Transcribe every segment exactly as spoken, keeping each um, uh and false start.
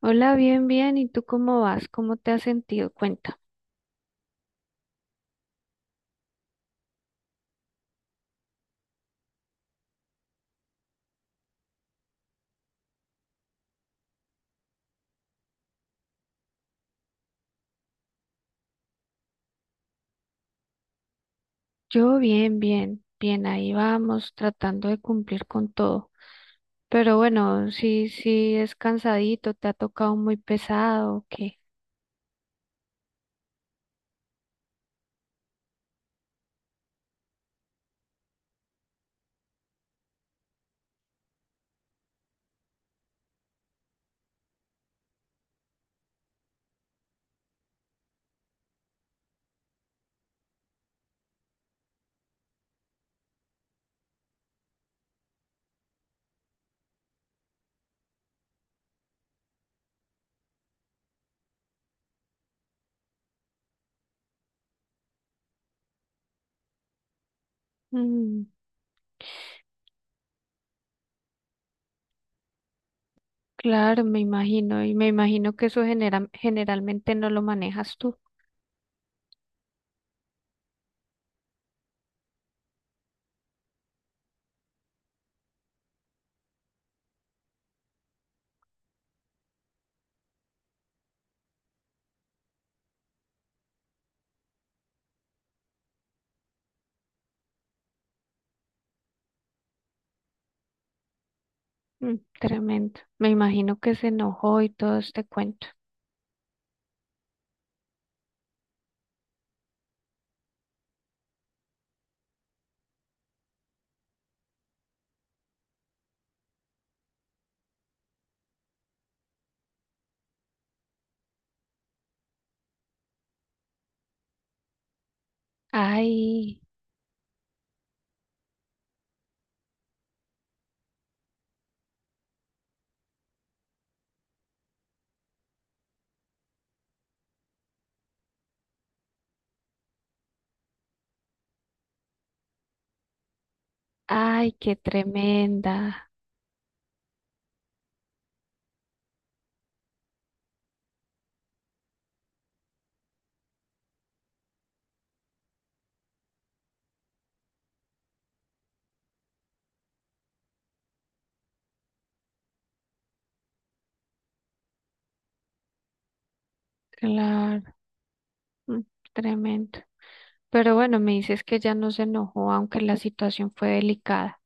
Hola, bien, bien. ¿Y tú cómo vas? ¿Cómo te has sentido? Cuenta. Yo bien, bien, bien. Ahí vamos, tratando de cumplir con todo. Pero bueno, sí, sí, es cansadito, te ha tocado muy pesado, ¿o qué? Mm, claro, me imagino. Y me imagino que eso genera- generalmente no lo manejas tú. Mm, tremendo. Me imagino que se enojó y todo este cuento. Ay, ay, qué tremenda. Claro. Mm. Tremendo. Pero bueno, me dices que ya no se enojó, aunque la situación fue delicada.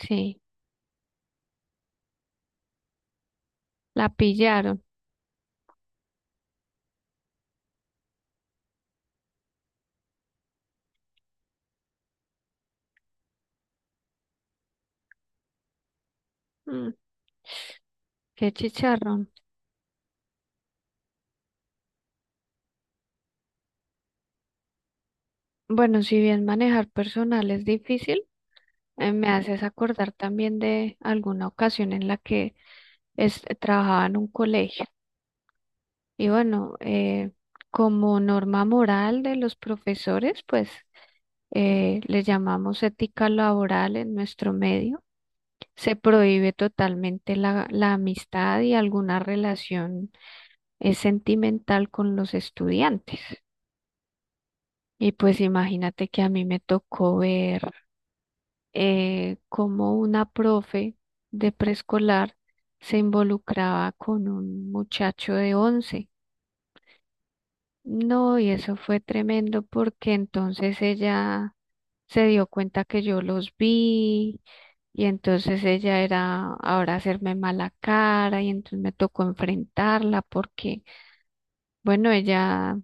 Sí, la pillaron. Mm, qué chicharrón. Bueno, si bien manejar personal es difícil, eh, me haces acordar también de alguna ocasión en la que es- trabajaba en un colegio. Y bueno, eh, como norma moral de los profesores, pues eh, le llamamos ética laboral en nuestro medio. Se prohíbe totalmente la, la amistad y alguna relación eh, sentimental con los estudiantes. Y pues imagínate que a mí me tocó ver eh, cómo una profe de preescolar se involucraba con un muchacho de once. No, y eso fue tremendo porque entonces ella se dio cuenta que yo los vi, y entonces ella era ahora hacerme mala cara, y entonces me tocó enfrentarla porque, bueno, ella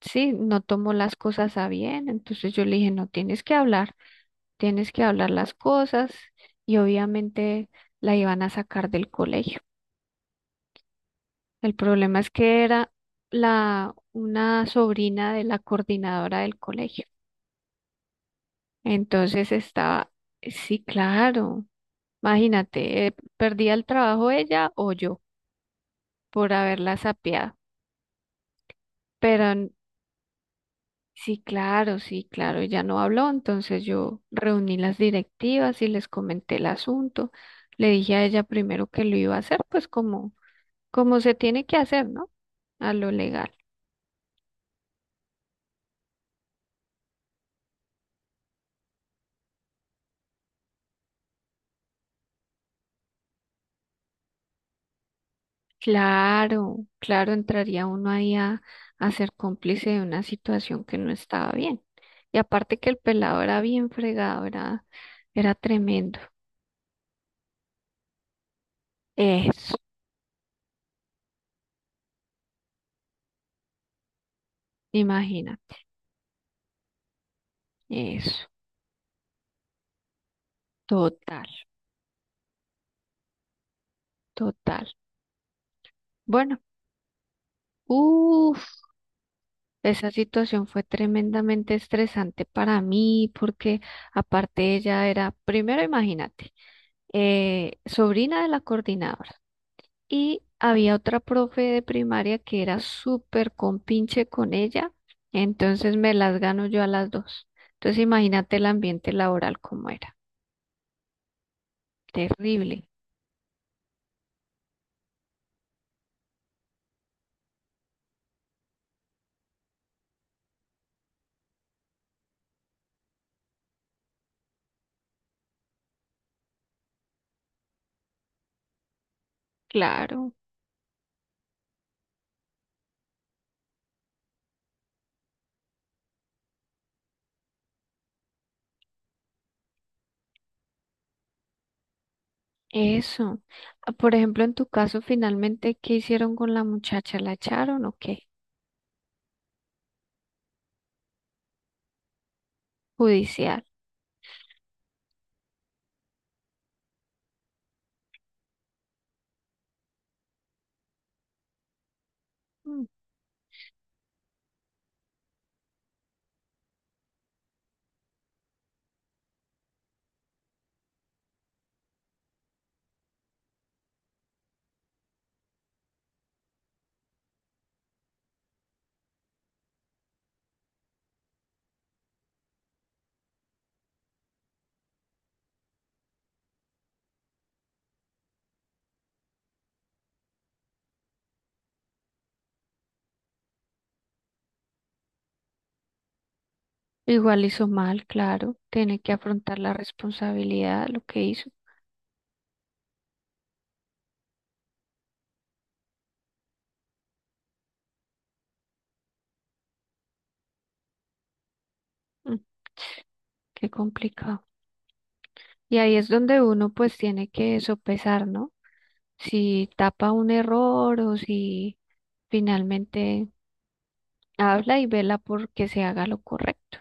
sí, no tomó las cosas a bien. Entonces yo le dije, no tienes que hablar, tienes que hablar las cosas, y obviamente la iban a sacar del colegio. El problema es que era la una sobrina de la coordinadora del colegio. Entonces estaba, sí, claro. Imagínate, eh, perdía el trabajo ella o yo por haberla sapeado. Pero n- sí, claro, sí, claro, ella no habló, entonces yo reuní las directivas y les comenté el asunto. Le dije a ella primero que lo iba a hacer, pues como, como se tiene que hacer, ¿no? A lo legal. Claro, claro, entraría uno ahí a, a ser cómplice de una situación que no estaba bien. Y aparte que el pelado era bien fregado, era, era tremendo. Eso. Imagina, eso, total, total. Bueno, uff, esa situación fue tremendamente estresante para mí porque aparte ella era, primero imagínate, eh, sobrina de la coordinadora, y había otra profe de primaria que era súper compinche con ella, entonces me las gano yo a las dos. Entonces imagínate el ambiente laboral como era, terrible, claro. Eso. Ah, por ejemplo, en tu caso, finalmente, ¿qué hicieron con la muchacha? ¿La echaron o qué? Judicial. Mm. Igual hizo mal, claro. Tiene que afrontar la responsabilidad de lo que hizo. Mm. Qué complicado. Y ahí es donde uno pues tiene que sopesar, ¿no? Si tapa un error o si finalmente habla y vela porque se haga lo correcto.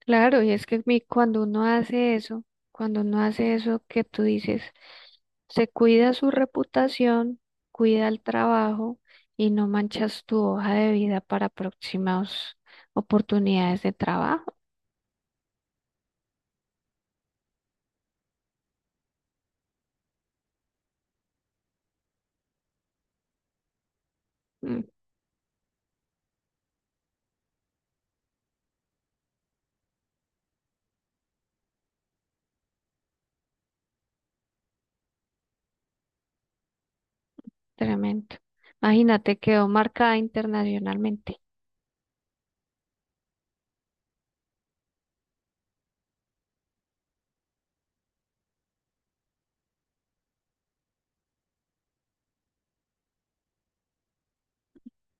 Claro, y es que mi- cuando uno hace eso, cuando uno hace eso que tú dices, se cuida su reputación, cuida el trabajo y no manchas tu hoja de vida para próximas oportunidades de trabajo. Mm, tremendo. Imagínate, quedó marcada internacionalmente.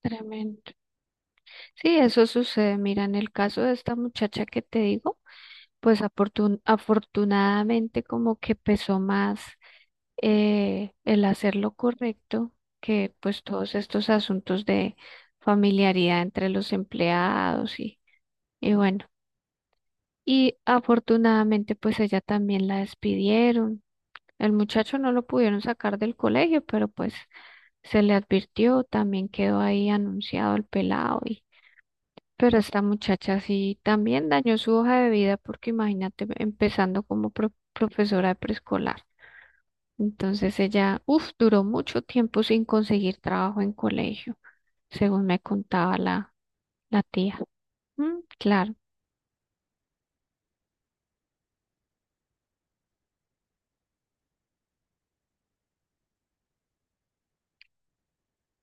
Tremendo. Sí, eso sucede. Mira, en el caso de esta muchacha que te digo, pues afortun- afortunadamente como que pesó más eh, el hacer lo correcto, que pues todos estos asuntos de familiaridad entre los empleados, y, y bueno, y afortunadamente pues ella también la despidieron. El muchacho no lo pudieron sacar del colegio, pero pues se le advirtió, también quedó ahí anunciado el pelado, pero esta muchacha sí también dañó su hoja de vida, porque imagínate empezando como pro- profesora de preescolar. Entonces ella, uff, duró mucho tiempo sin conseguir trabajo en colegio, según me contaba la, la, tía. Mm, claro,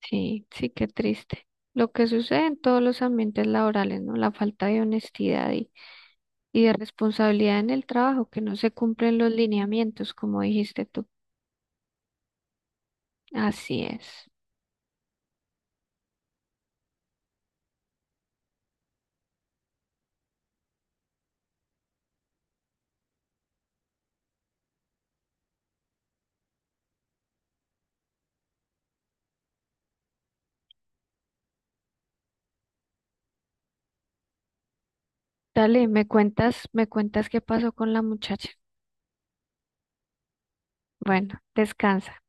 sí, sí, qué triste. Lo que sucede en todos los ambientes laborales, ¿no? La falta de honestidad y, y de responsabilidad en el trabajo, que no se cumplen los lineamientos, como dijiste tú. Así es. Dale, me cuentas, me cuentas qué pasó con la muchacha. Bueno, descansa.